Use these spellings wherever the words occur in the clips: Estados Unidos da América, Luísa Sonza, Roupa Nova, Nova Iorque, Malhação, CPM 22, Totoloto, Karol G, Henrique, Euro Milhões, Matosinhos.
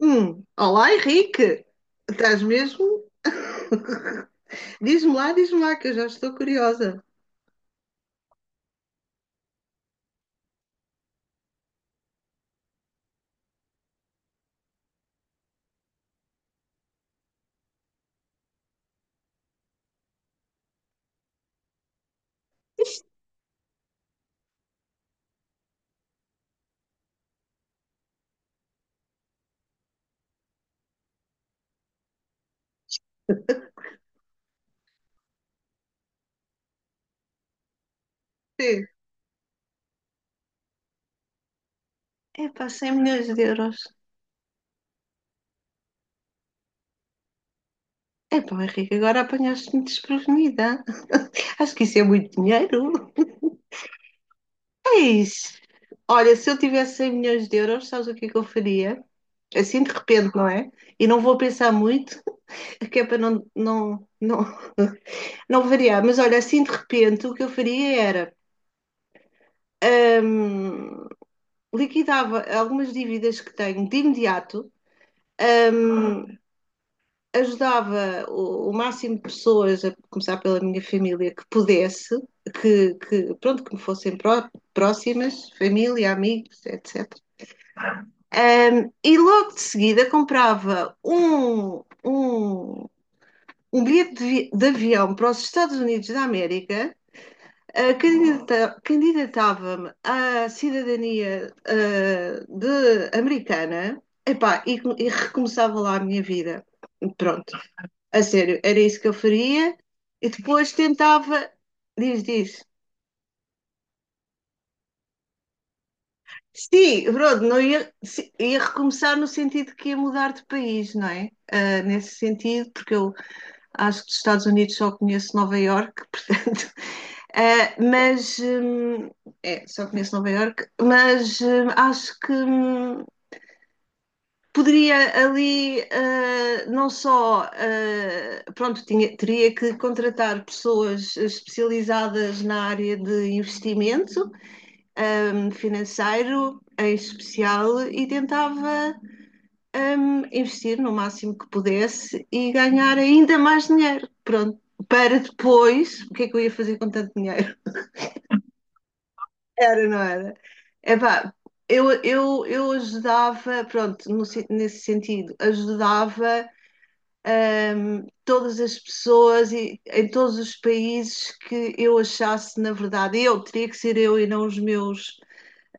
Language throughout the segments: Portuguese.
Olá, Henrique. Estás mesmo? Diz-me lá, que eu já estou curiosa. Sim. Epá, 100 milhões de euros. Epá, Henrique, agora apanhaste-me desprevenida. Acho que isso é muito dinheiro. Eis, Olha, se eu tivesse 100 milhões de euros, sabes o que é que eu faria? Assim de repente, não é? E não vou pensar muito, é que é para não variar. Mas olha, assim de repente, o que eu faria era hum, liquidava algumas dívidas que tenho de imediato, hum, ajudava o máximo de pessoas, a começar pela minha família, que pudesse, que pronto, que me fossem próximas, família, amigos, etc. E logo de seguida comprava um bilhete de avião para os Estados Unidos da América. Candidatava-me à cidadania de americana, epá, e recomeçava lá a minha vida. Pronto, a sério, era isso que eu faria. E depois tentava, diz, diz. Sim, pronto, não ia, ia recomeçar no sentido que ia mudar de país, não é? Ah, nesse sentido, porque eu acho que dos Estados Unidos só conheço Nova Iorque, portanto. Mas só conheço Nova Iorque, mas acho que poderia ali não só pronto, teria que contratar pessoas especializadas na área de investimento financeiro em especial e tentava investir no máximo que pudesse e ganhar ainda mais dinheiro. Pronto, para depois, o que é que eu ia fazer com tanto dinheiro? Era, não era? Epá, eu ajudava, pronto, no nesse sentido, ajudava todas as pessoas e em todos os países que eu achasse, na verdade, eu teria que ser eu e não os meus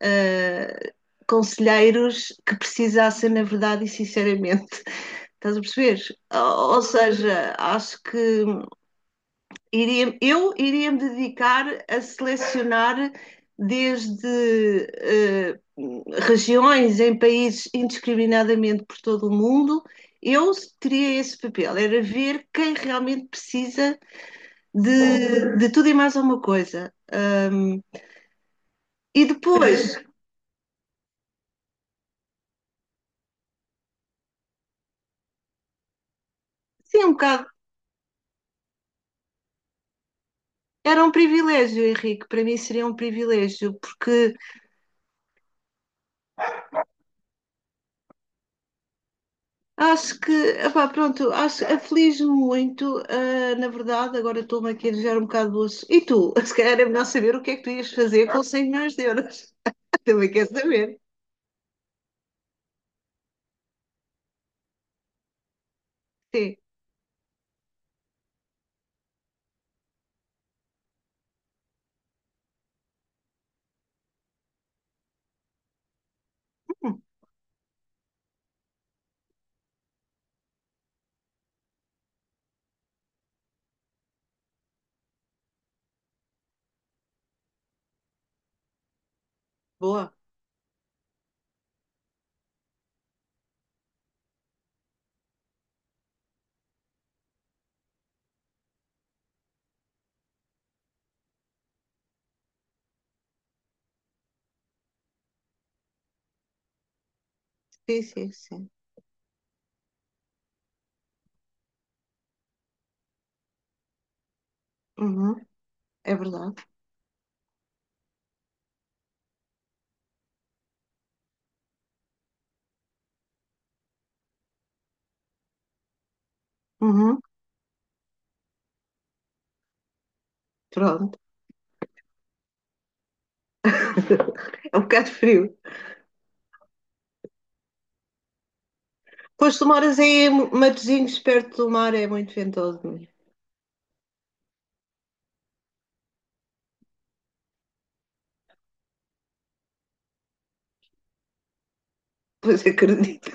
ah, conselheiros que precisassem, na verdade e sinceramente. Estás a perceber? Ou seja, acho que iria me dedicar a selecionar desde regiões em países indiscriminadamente por todo o mundo. Eu teria esse papel, era ver quem realmente precisa de tudo e mais alguma coisa. E depois, sim, um bocado era um privilégio, Henrique, para mim seria um privilégio, porque acho que, epá, pronto, acho, aflige-me muito, na verdade, agora estou-me aqui a desviar um bocado do assunto. E tu, se calhar é melhor saber o que é que tu ias fazer com 100 milhões de euros. Também quer saber. Sim. Hum, boa. Sim, sim, sim. Uhum. É verdade. Uhum. Pronto. É um bocado frio. Pois tu moras aí em Matosinhos, perto do mar, é muito ventoso mesmo. Pois acredito.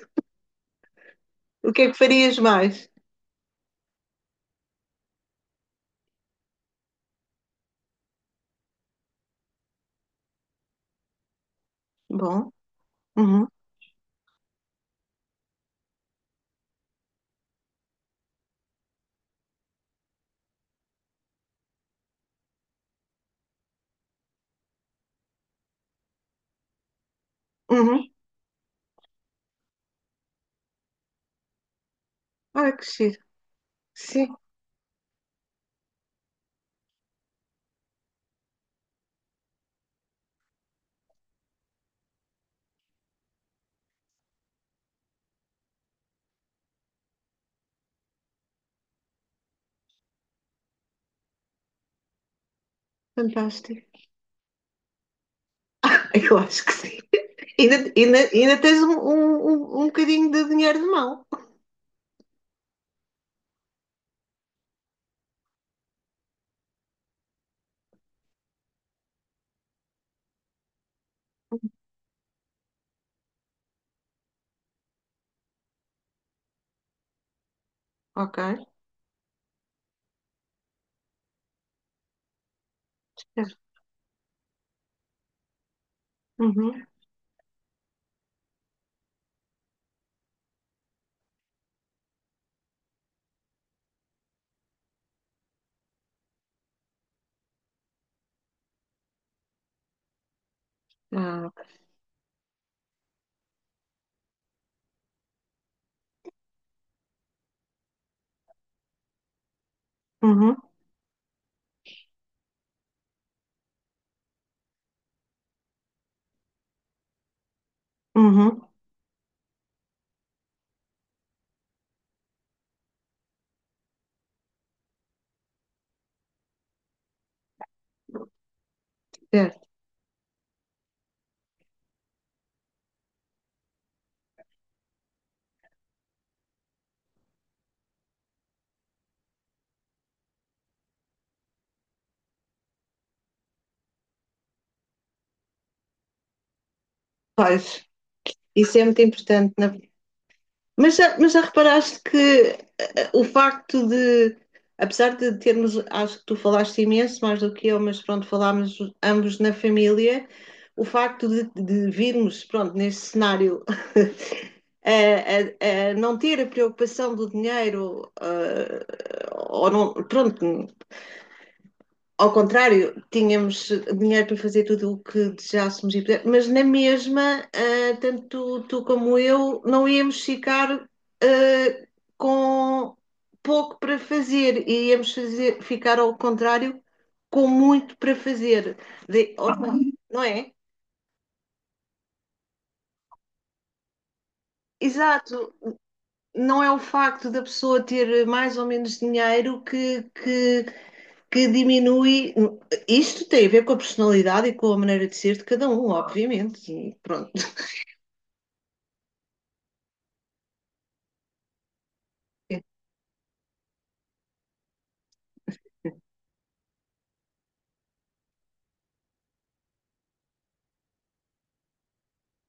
O que é que farias mais? Bom. Uhum. Uhum. Olha que giro. Sim, fantástico. Eu acho que sim. Ainda tens um bocadinho de dinheiro de mão. Ok. Certo. Uhum. Ah, ok. Uhum. Uhum. Certo. Pois, isso é muito importante. Na Mas já reparaste que o facto de, apesar de termos, acho que tu falaste imenso mais do que eu, mas pronto, falámos ambos na família, o facto de virmos, pronto, neste cenário, a, a não ter a preocupação do dinheiro, eh, ou não, pronto, ao contrário, tínhamos dinheiro para fazer tudo o que desejássemos e pudéssemos, mas na mesma, tanto tu como eu, não íamos ficar ah, com pouco para fazer, e íamos fazer, ficar ao contrário com muito para fazer, De- não é? Exato. Não é o facto da pessoa ter mais ou menos dinheiro que, que diminui. Isto tem a ver com a personalidade e com a maneira de ser de cada um, obviamente. E pronto.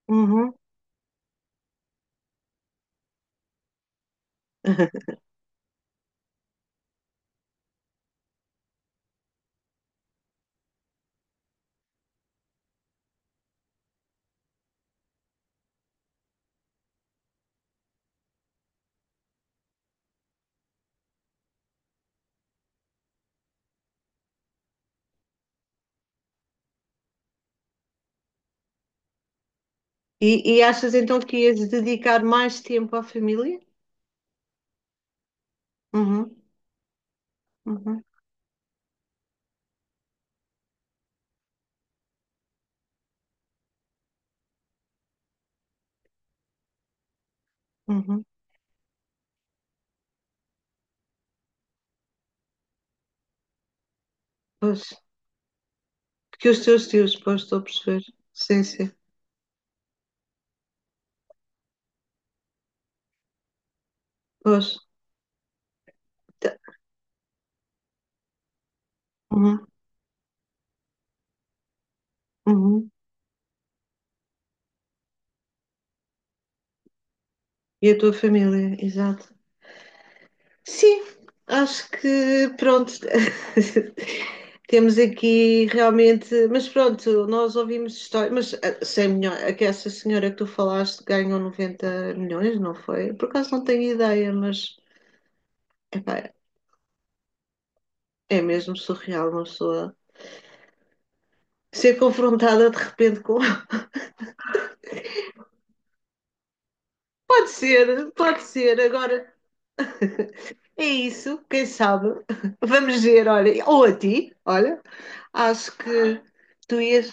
Uhum. E, e achas então que ias dedicar mais tempo à família? Uhum, uhum, uhum. Pois. Que os teus tios, pois, estou a perceber. Sim, sim. Pois. Tá. Uhum, uhum. E a tua família, exato. Sim, acho que pronto. Temos aqui realmente, mas pronto, nós ouvimos histórias, mas 100 milhões, é que essa senhora que tu falaste ganhou 90 milhões, não foi? Por acaso não tenho ideia, mas epá, é mesmo surreal uma pessoa ser confrontada de repente com. Pode ser, agora é isso, quem sabe? Vamos ver, olha, ou a ti, olha, acho que tu ias.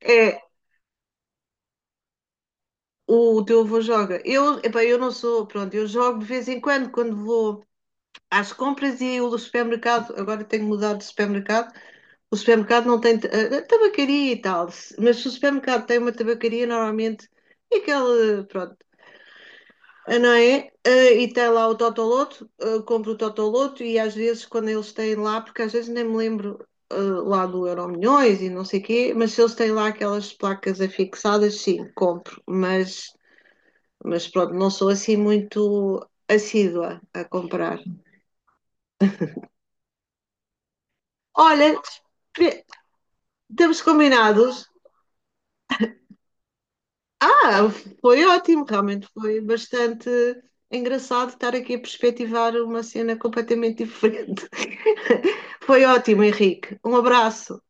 É. O teu avô joga. Epá, eu não sou, pronto, eu jogo de vez em quando, quando vou às compras e o supermercado, agora tenho mudado de supermercado, o supermercado não tem tabacaria e tal, mas se o supermercado tem uma tabacaria, normalmente é aquela pronto, não é? E tem lá o Totoloto, compro o Totoloto e às vezes quando eles têm lá, porque às vezes nem me lembro eh, lá do Euro Milhões e não sei o quê, mas se eles têm lá aquelas placas afixadas, sim, compro, mas pronto, não sou assim muito assídua a comprar. Olha, temos combinados. Ah, foi ótimo, realmente foi bastante engraçado estar aqui a perspectivar uma cena completamente diferente. Foi ótimo, Henrique. Um abraço.